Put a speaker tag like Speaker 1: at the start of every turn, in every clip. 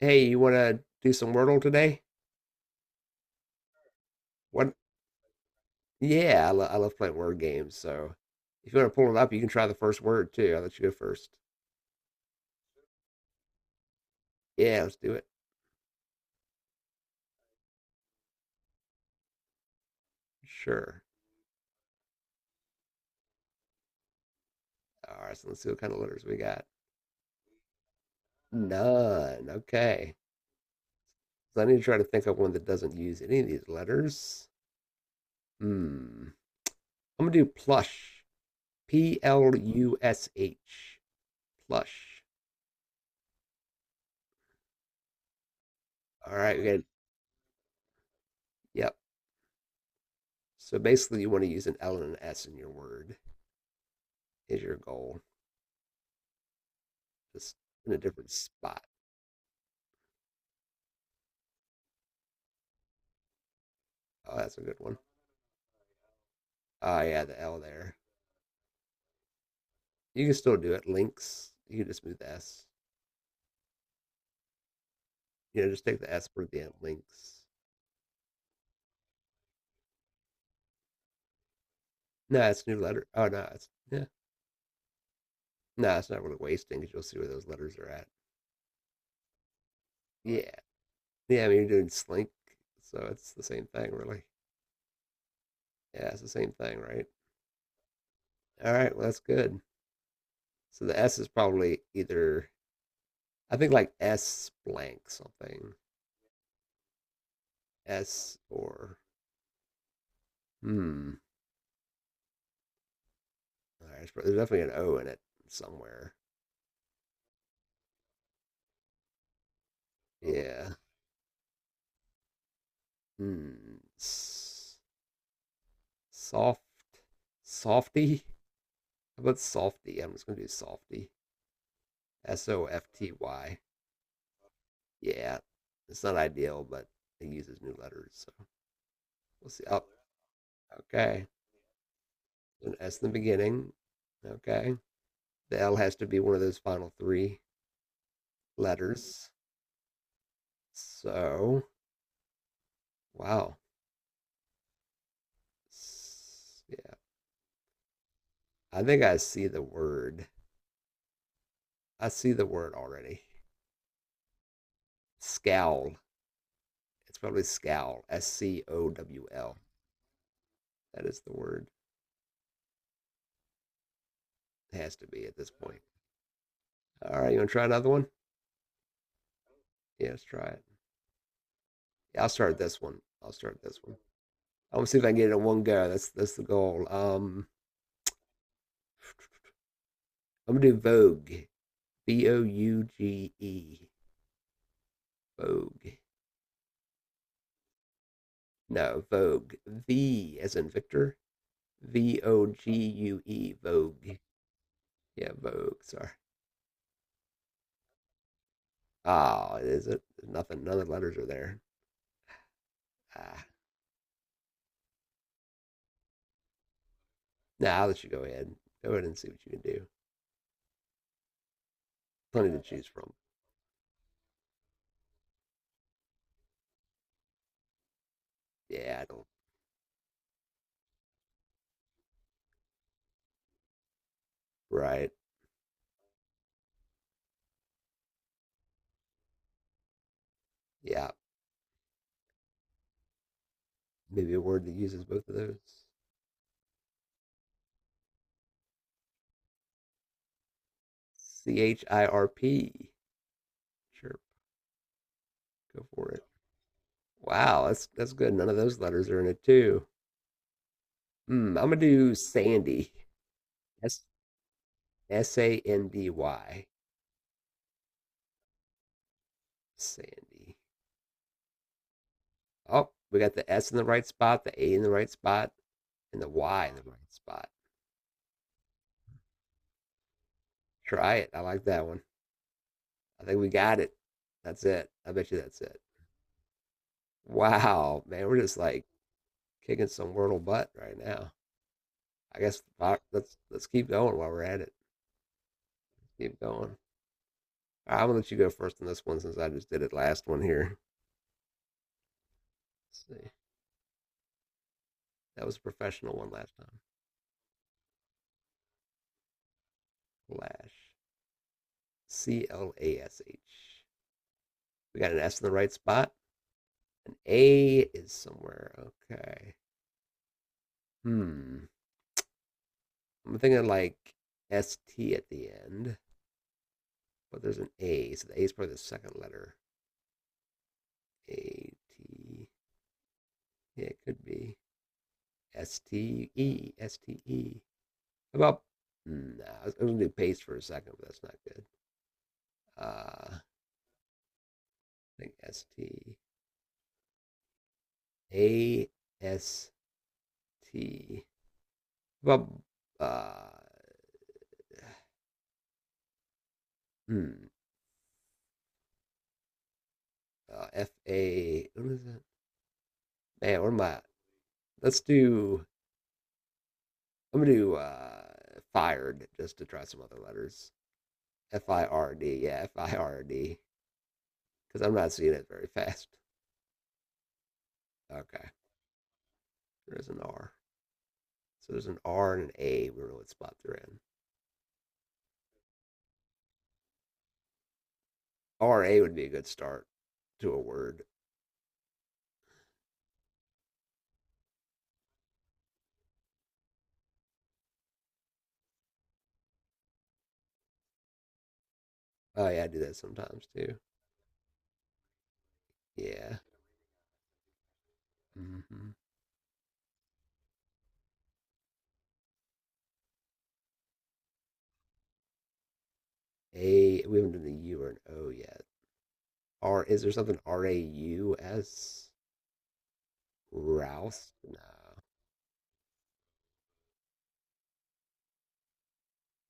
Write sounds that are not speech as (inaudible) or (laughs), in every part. Speaker 1: Hey, you want to do some Wordle today? What? Yeah, I love playing word games. So if you want to pull it up, you can try the first word too. I'll let you go first. Yeah, let's do it. Sure. All right, so let's see what kind of letters we got. None. Okay. So I need to try to think of one that doesn't use any of these letters. Hmm. I'm going to do plush. P L U S H. Plush. All right. We got, yep. So basically, you want to use an L and an S in your word, is your goal. Just in a different spot. Oh, that's a good one. Oh yeah, the L there. You can still do it. Links. You can just move the S. Just take the S for the end. Links. No, it's new letter. Oh no, it's yeah. No, it's not really wasting because you'll see where those letters are at. Yeah. Yeah, I mean you're doing slink, so it's the same thing really. Yeah, it's the same thing, right? All right, well that's good. So the S is probably either I think like S blank something. S or hmm. All right, there's definitely an O in it somewhere. Yeah. Hmm. Soft. Softy? How about softy? I'm just going to do softy. S O F T Y. Yeah. It's not ideal, but it uses new letters. So we'll see. Oh, okay. An S in the beginning. Okay. The L has to be one of those final three letters. So, wow. Yeah. I think I see the word. I see the word already. Scowl. It's probably scowl. S C O W L. That is the word. It has to be at this point. All right, you want to try another one? Yeah, let's try it. Yeah, I'll start this one. I'll start this one. I want to see if I can get it in one go. That's the goal. I'm gonna do Vogue. Vouge. Vogue. No, Vogue. V as in Victor. Vogue. Vogue. Yeah, Vogue. Sorry. Ah, oh, is it? Nothing. None of the letters are there. Ah. Now nah, I'll let you go ahead. Go ahead and see what you can do. Plenty to choose from. Yeah, I don't. Right. Yeah, maybe a word that uses both of those. Chirp. Chirp. Go for it. Wow, that's good. None of those letters are in it too. I'm gonna do Sandy. S S A N D Y. Sandy. Oh, we got the S in the right spot, the A in the right spot, and the Y in the right spot. Try it. I like that one. I think we got it. That's it. I bet you that's it. Wow, man, we're just like kicking some Wordle butt right now. I guess let's keep going while we're at it. Keep going. I Right, I'm gonna let you go first on this one since I just did it last one here. Let's see, that was a professional one last time. Clash. C L A S H. We got an S in the right spot. An A is somewhere. Okay. Hmm. I'm thinking like S T at the end, but there's an A, so the A is probably the second letter. A T. Yeah, it could be S T E S T E. About nah, I was going to do paste for a second, but that's not good. I think S T A S T. About uh, hmm, F A. What is that? Man, what am I? Let's do. I'm gonna do fired just to try some other letters. FIRD. Yeah, FIRD. Because I'm not seeing it very fast. Okay, there's an R. So there's an R and an A. We don't know what spot they're in. R A would be a good start to a word. Oh yeah, I do that sometimes too. Yeah. Hmm. A, we haven't done the U or an O yet. R, is there something Raus? Rouse? No.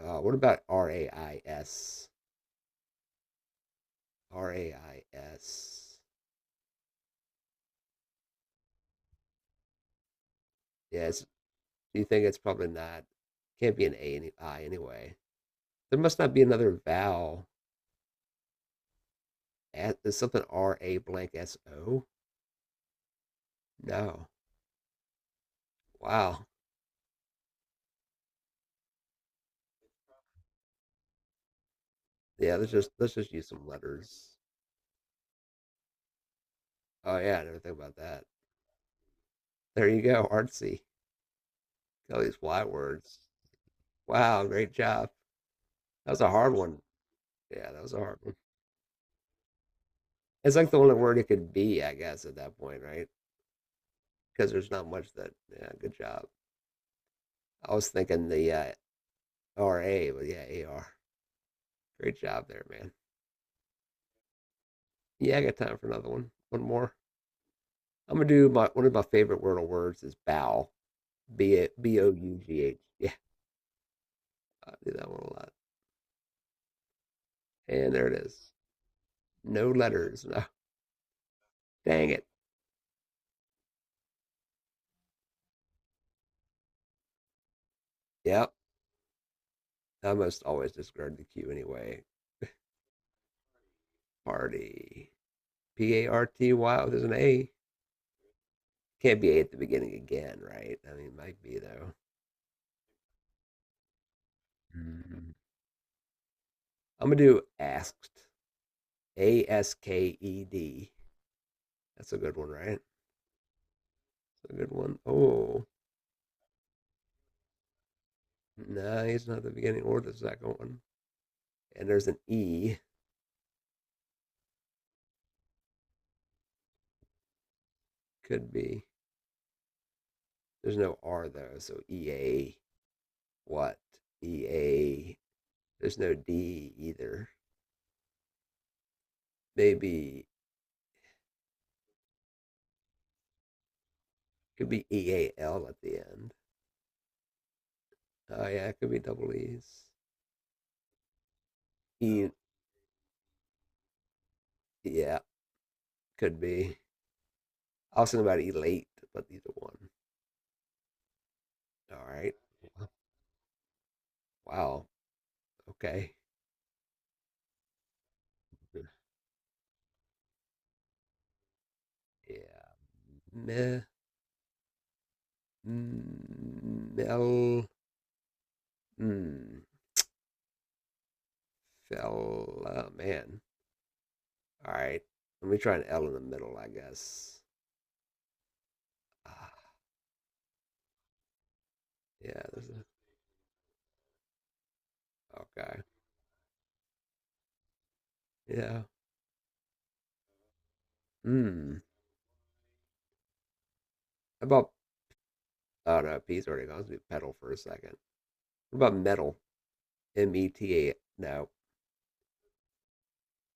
Speaker 1: What about Rais? Rais. Yes. Do you think it's probably not? Can't be an A and I anyway. There must not be another vowel. At, is something R A blank S O? No. Wow. Yeah. Let's just use some letters. Oh yeah, I never think about that. There you go, artsy. All these Y words. Wow, great job. That was a hard one. Yeah, that was a hard one. It's like the only word it could be, I guess, at that point, right? Because there's not much that. Yeah, good job. I was thinking the RA, but yeah, AR. Great job there, man. Yeah, I got time for another one. One more. I'm gonna do my one of my favorite wordle words is bow. Bough. Yeah, I do that one a lot. And there it is. No letters. (laughs) No. Dang it. Yep. I must always discard the Q anyway. Party. P A R T Y. Oh, there's an A. Can't be A at the beginning again, right? I mean, it might be though. Mm, I'm gonna do asked. A S K E D. That's a good one, right? That's a good one. Oh, no, it's not the beginning or the second one. And there's an E. Could be. There's no R though, so E A. What? E A. There's no D either. Maybe could be EAL at the end. Oh yeah, it could be double E's. E. Yeah, could be. I was thinking about elate, but either one. All right. Wow. Okay. Yeah. Me, mel, mm, fella, man. All right. Let me try an L in the middle, I guess. Ah, yeah. There's a, okay. Yeah. Hmm. How about, oh no, P's already gone. Let's do pedal for a second. What about metal? META. No.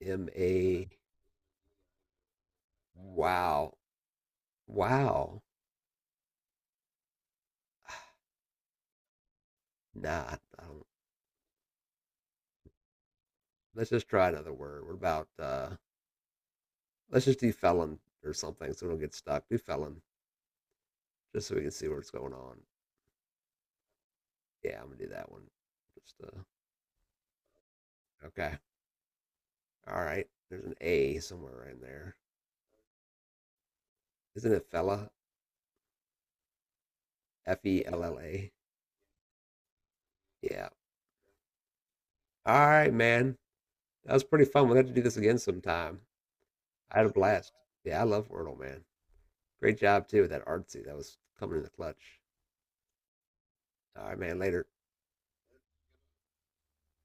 Speaker 1: M A. Wow. Wow. Ah, nah, I don't. Let's just try another word. What about let's just do felon or something so we don't get stuck. Do felon just so we can see what's going on. Yeah, I'm gonna do that one. Just okay. All right. There's an A somewhere in there. Isn't it fella? F E L L A. Yeah. All right, man. That was pretty fun. We'll have to do this again sometime. I had a blast. Yeah, I love Wordle, man. Great job too with that artsy. That was coming in the clutch. All right, man. Later.